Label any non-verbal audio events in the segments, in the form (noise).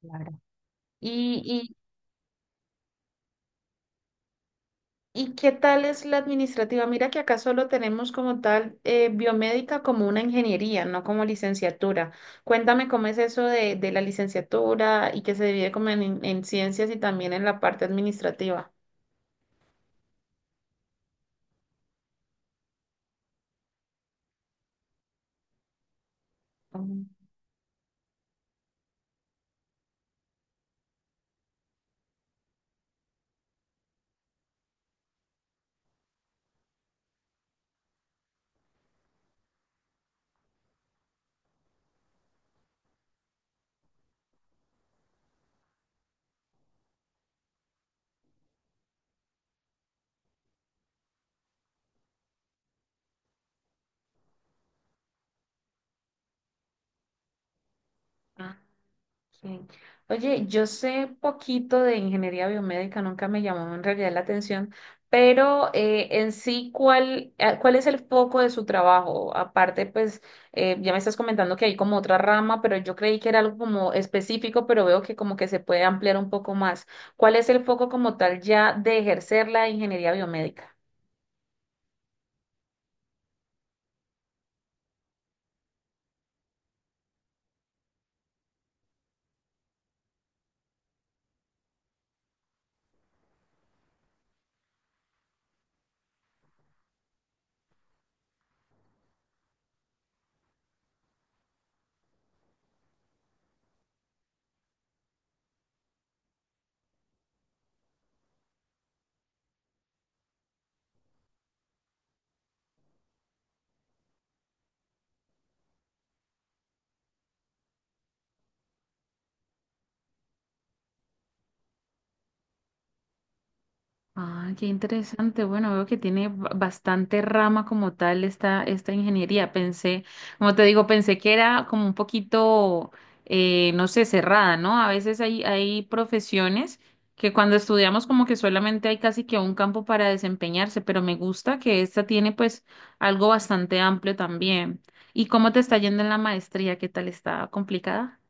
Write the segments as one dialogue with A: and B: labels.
A: Claro. ¿Y, y qué tal es la administrativa? Mira que acá solo tenemos como tal biomédica como una ingeniería, no como licenciatura. Cuéntame cómo es eso de la licenciatura y que se divide como en ciencias y también en la parte administrativa. Mm. Sí. Oye, yo sé poquito de ingeniería biomédica, nunca me llamó en realidad la atención, pero en sí, ¿cuál es el foco de su trabajo? Aparte, pues ya me estás comentando que hay como otra rama, pero yo creí que era algo como específico, pero veo que como que se puede ampliar un poco más. ¿Cuál es el foco como tal ya de ejercer la ingeniería biomédica? Ah, qué interesante. Bueno, veo que tiene bastante rama como tal esta ingeniería. Pensé, como te digo, pensé que era como un poquito, no sé, cerrada, ¿no? A veces hay profesiones que cuando estudiamos como que solamente hay casi que un campo para desempeñarse, pero me gusta que esta tiene pues algo bastante amplio también. ¿Y cómo te está yendo en la maestría? ¿Qué tal está complicada?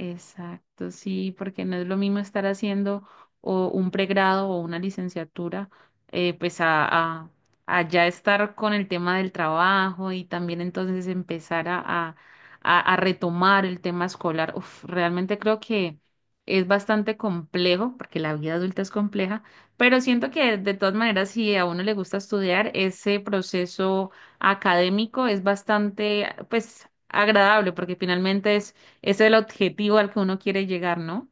A: Exacto, sí, porque no es lo mismo estar haciendo o un pregrado o una licenciatura, pues a, a ya estar con el tema del trabajo y también entonces empezar a retomar el tema escolar. Uf, realmente creo que es bastante complejo, porque la vida adulta es compleja, pero siento que de todas maneras, si a uno le gusta estudiar, ese proceso académico es bastante, pues, agradable, porque finalmente ese es el objetivo al que uno quiere llegar, ¿no?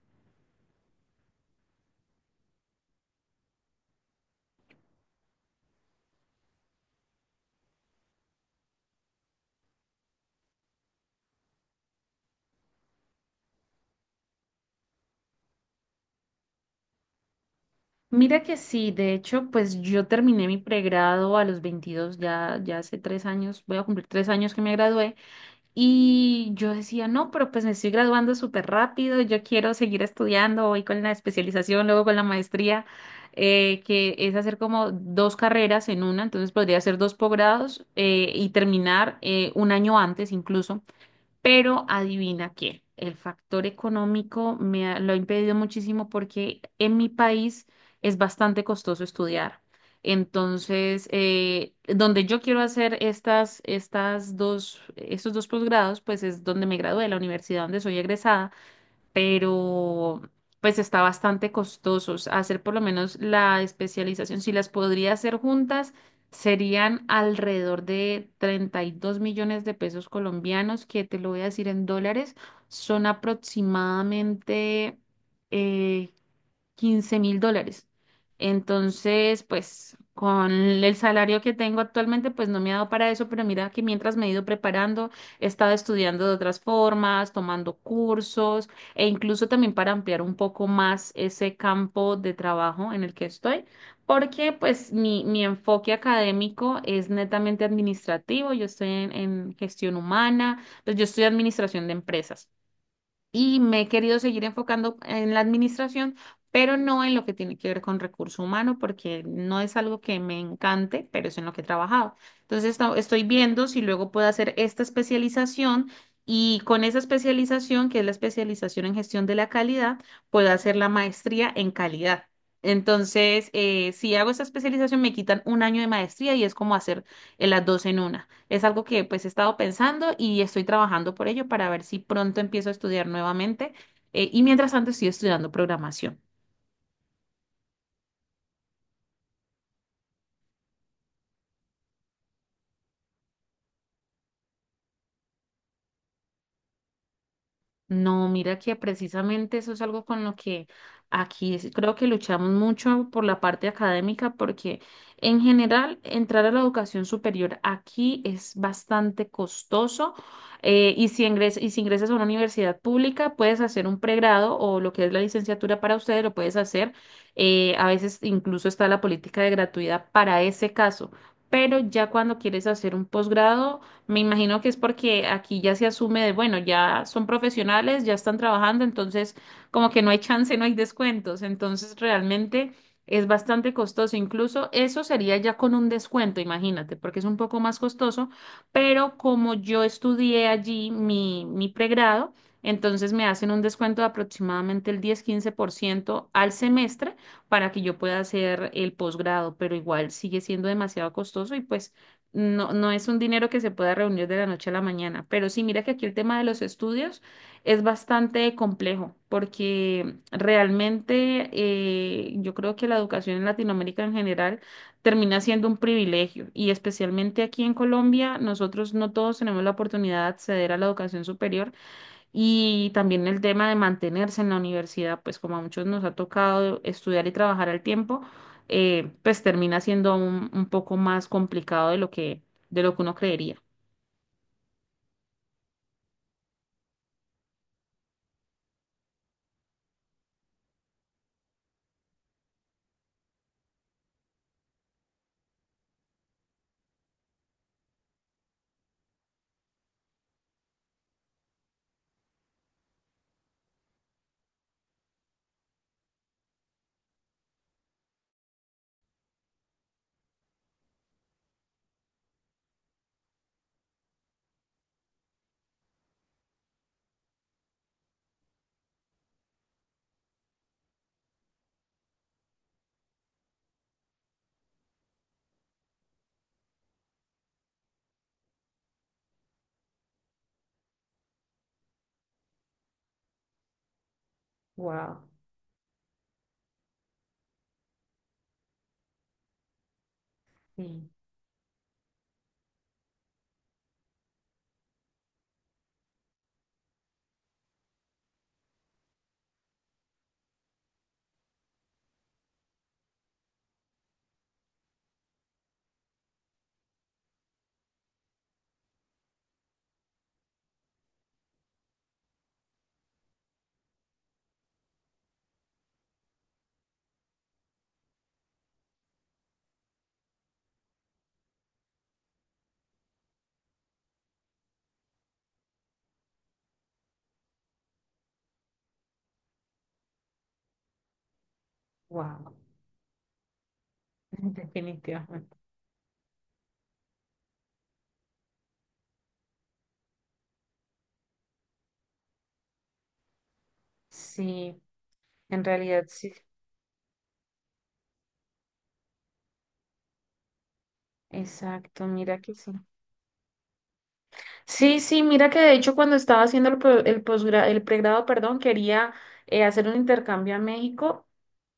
A: Mira que sí, de hecho, pues yo terminé mi pregrado a los 22 ya hace 3 años, voy a cumplir 3 años que me gradué, y yo decía, no, pero pues me estoy graduando súper rápido, yo quiero seguir estudiando, voy con la especialización, luego con la maestría, que es hacer como dos carreras en una, entonces podría hacer dos posgrados y terminar un año antes incluso. Pero adivina qué, el factor económico me lo ha impedido muchísimo porque en mi país es bastante costoso estudiar. Entonces, donde yo quiero hacer estos dos posgrados, pues es donde me gradué, la universidad donde soy egresada pero pues está bastante costosos. Hacer por lo menos la especialización, si las podría hacer juntas, serían alrededor de 32 millones de pesos colombianos, que te lo voy a decir en dólares, son aproximadamente eh, $15,000. Entonces, pues con el salario que tengo actualmente, pues no me ha dado para eso, pero mira que mientras me he ido preparando, he estado estudiando de otras formas, tomando cursos e incluso también para ampliar un poco más ese campo de trabajo en el que estoy, porque pues mi enfoque académico es netamente administrativo, yo estoy en gestión humana, pues yo estudio administración de empresas y me he querido seguir enfocando en la administración, pero no en lo que tiene que ver con recurso humano, porque no es algo que me encante, pero es en lo que he trabajado. Entonces, estoy viendo si luego puedo hacer esta especialización y con esa especialización, que es la especialización en gestión de la calidad, puedo hacer la maestría en calidad. Entonces, si hago esta especialización, me quitan un año de maestría y es como hacer las dos en una. Es algo que pues he estado pensando y estoy trabajando por ello para ver si pronto empiezo a estudiar nuevamente. Y mientras tanto estoy estudiando programación. No, mira que precisamente eso es algo con lo que aquí creo que luchamos mucho por la parte académica, porque en general entrar a la educación superior aquí es bastante costoso y si ingresas a una universidad pública puedes hacer un pregrado o lo que es la licenciatura para ustedes lo puedes hacer. A veces incluso está la política de gratuidad para ese caso, pero ya cuando quieres hacer un posgrado me imagino que es porque aquí ya se asume de, bueno, ya son profesionales, ya están trabajando, entonces como que no hay chance, no hay descuentos, entonces realmente es bastante costoso. Incluso eso sería ya con un descuento, imagínate, porque es un poco más costoso, pero como yo estudié allí mi pregrado, entonces me hacen un descuento de aproximadamente el diez quince por ciento al semestre para que yo pueda hacer el posgrado, pero igual sigue siendo demasiado costoso y pues... No, no es un dinero que se pueda reunir de la noche a la mañana, pero sí, mira que aquí el tema de los estudios es bastante complejo, porque realmente yo creo que la educación en Latinoamérica en general termina siendo un privilegio y especialmente aquí en Colombia, nosotros no todos tenemos la oportunidad de acceder a la educación superior y también el tema de mantenerse en la universidad, pues como a muchos nos ha tocado estudiar y trabajar al tiempo, pues termina siendo un poco más complicado de lo que uno creería. Wow, sí, wow, (laughs) definitivamente. Sí, en realidad sí, exacto, mira que sí. Sí, sí, mira que de hecho cuando estaba haciendo el, pro- el posgra- el pregrado, perdón, quería hacer un intercambio a México.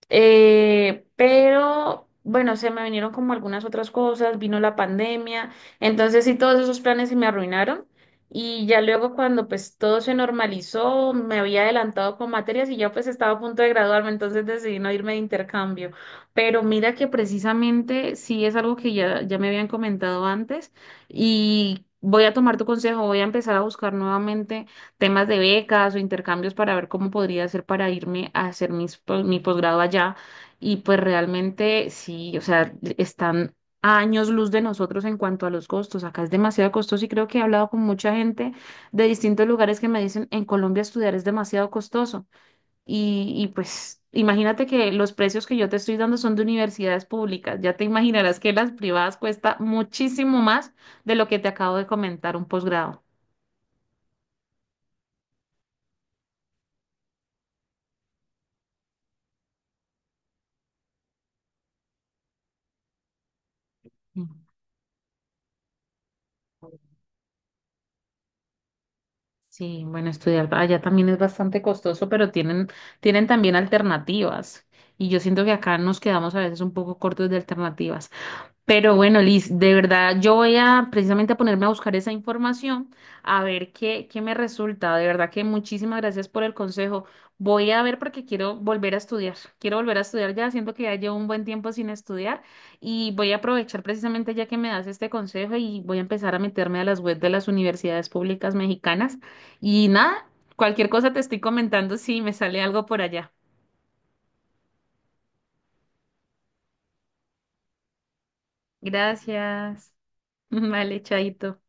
A: Pero bueno, se me vinieron como algunas otras cosas, vino la pandemia, entonces sí, todos esos planes se me arruinaron y ya luego cuando pues todo se normalizó, me había adelantado con materias y ya pues estaba a punto de graduarme, entonces decidí no irme de intercambio. Pero mira que precisamente sí es algo que ya me habían comentado antes y voy a tomar tu consejo, voy a empezar a buscar nuevamente temas de becas o intercambios para ver cómo podría hacer para irme a hacer mis mi posgrado allá. Y pues realmente sí, o sea, están a años luz de nosotros en cuanto a los costos. Acá es demasiado costoso y creo que he hablado con mucha gente de distintos lugares que me dicen, en Colombia estudiar es demasiado costoso. Y pues imagínate que los precios que yo te estoy dando son de universidades públicas. Ya te imaginarás que las privadas cuesta muchísimo más de lo que te acabo de comentar, un posgrado. Mm. Sí, bueno, estudiar allá también es bastante costoso, pero tienen, tienen también alternativas. Y yo siento que acá nos quedamos a veces un poco cortos de alternativas. Pero bueno, Liz, de verdad, yo voy a precisamente a ponerme a buscar esa información, a ver qué me resulta. De verdad que muchísimas gracias por el consejo. Voy a ver porque quiero volver a estudiar. Quiero volver a estudiar ya, siento que ya llevo un buen tiempo sin estudiar y voy a aprovechar precisamente ya que me das este consejo y voy a empezar a meterme a las webs de las universidades públicas mexicanas. Y nada, cualquier cosa te estoy comentando si me sale algo por allá. Gracias. (laughs) Vale, chaito.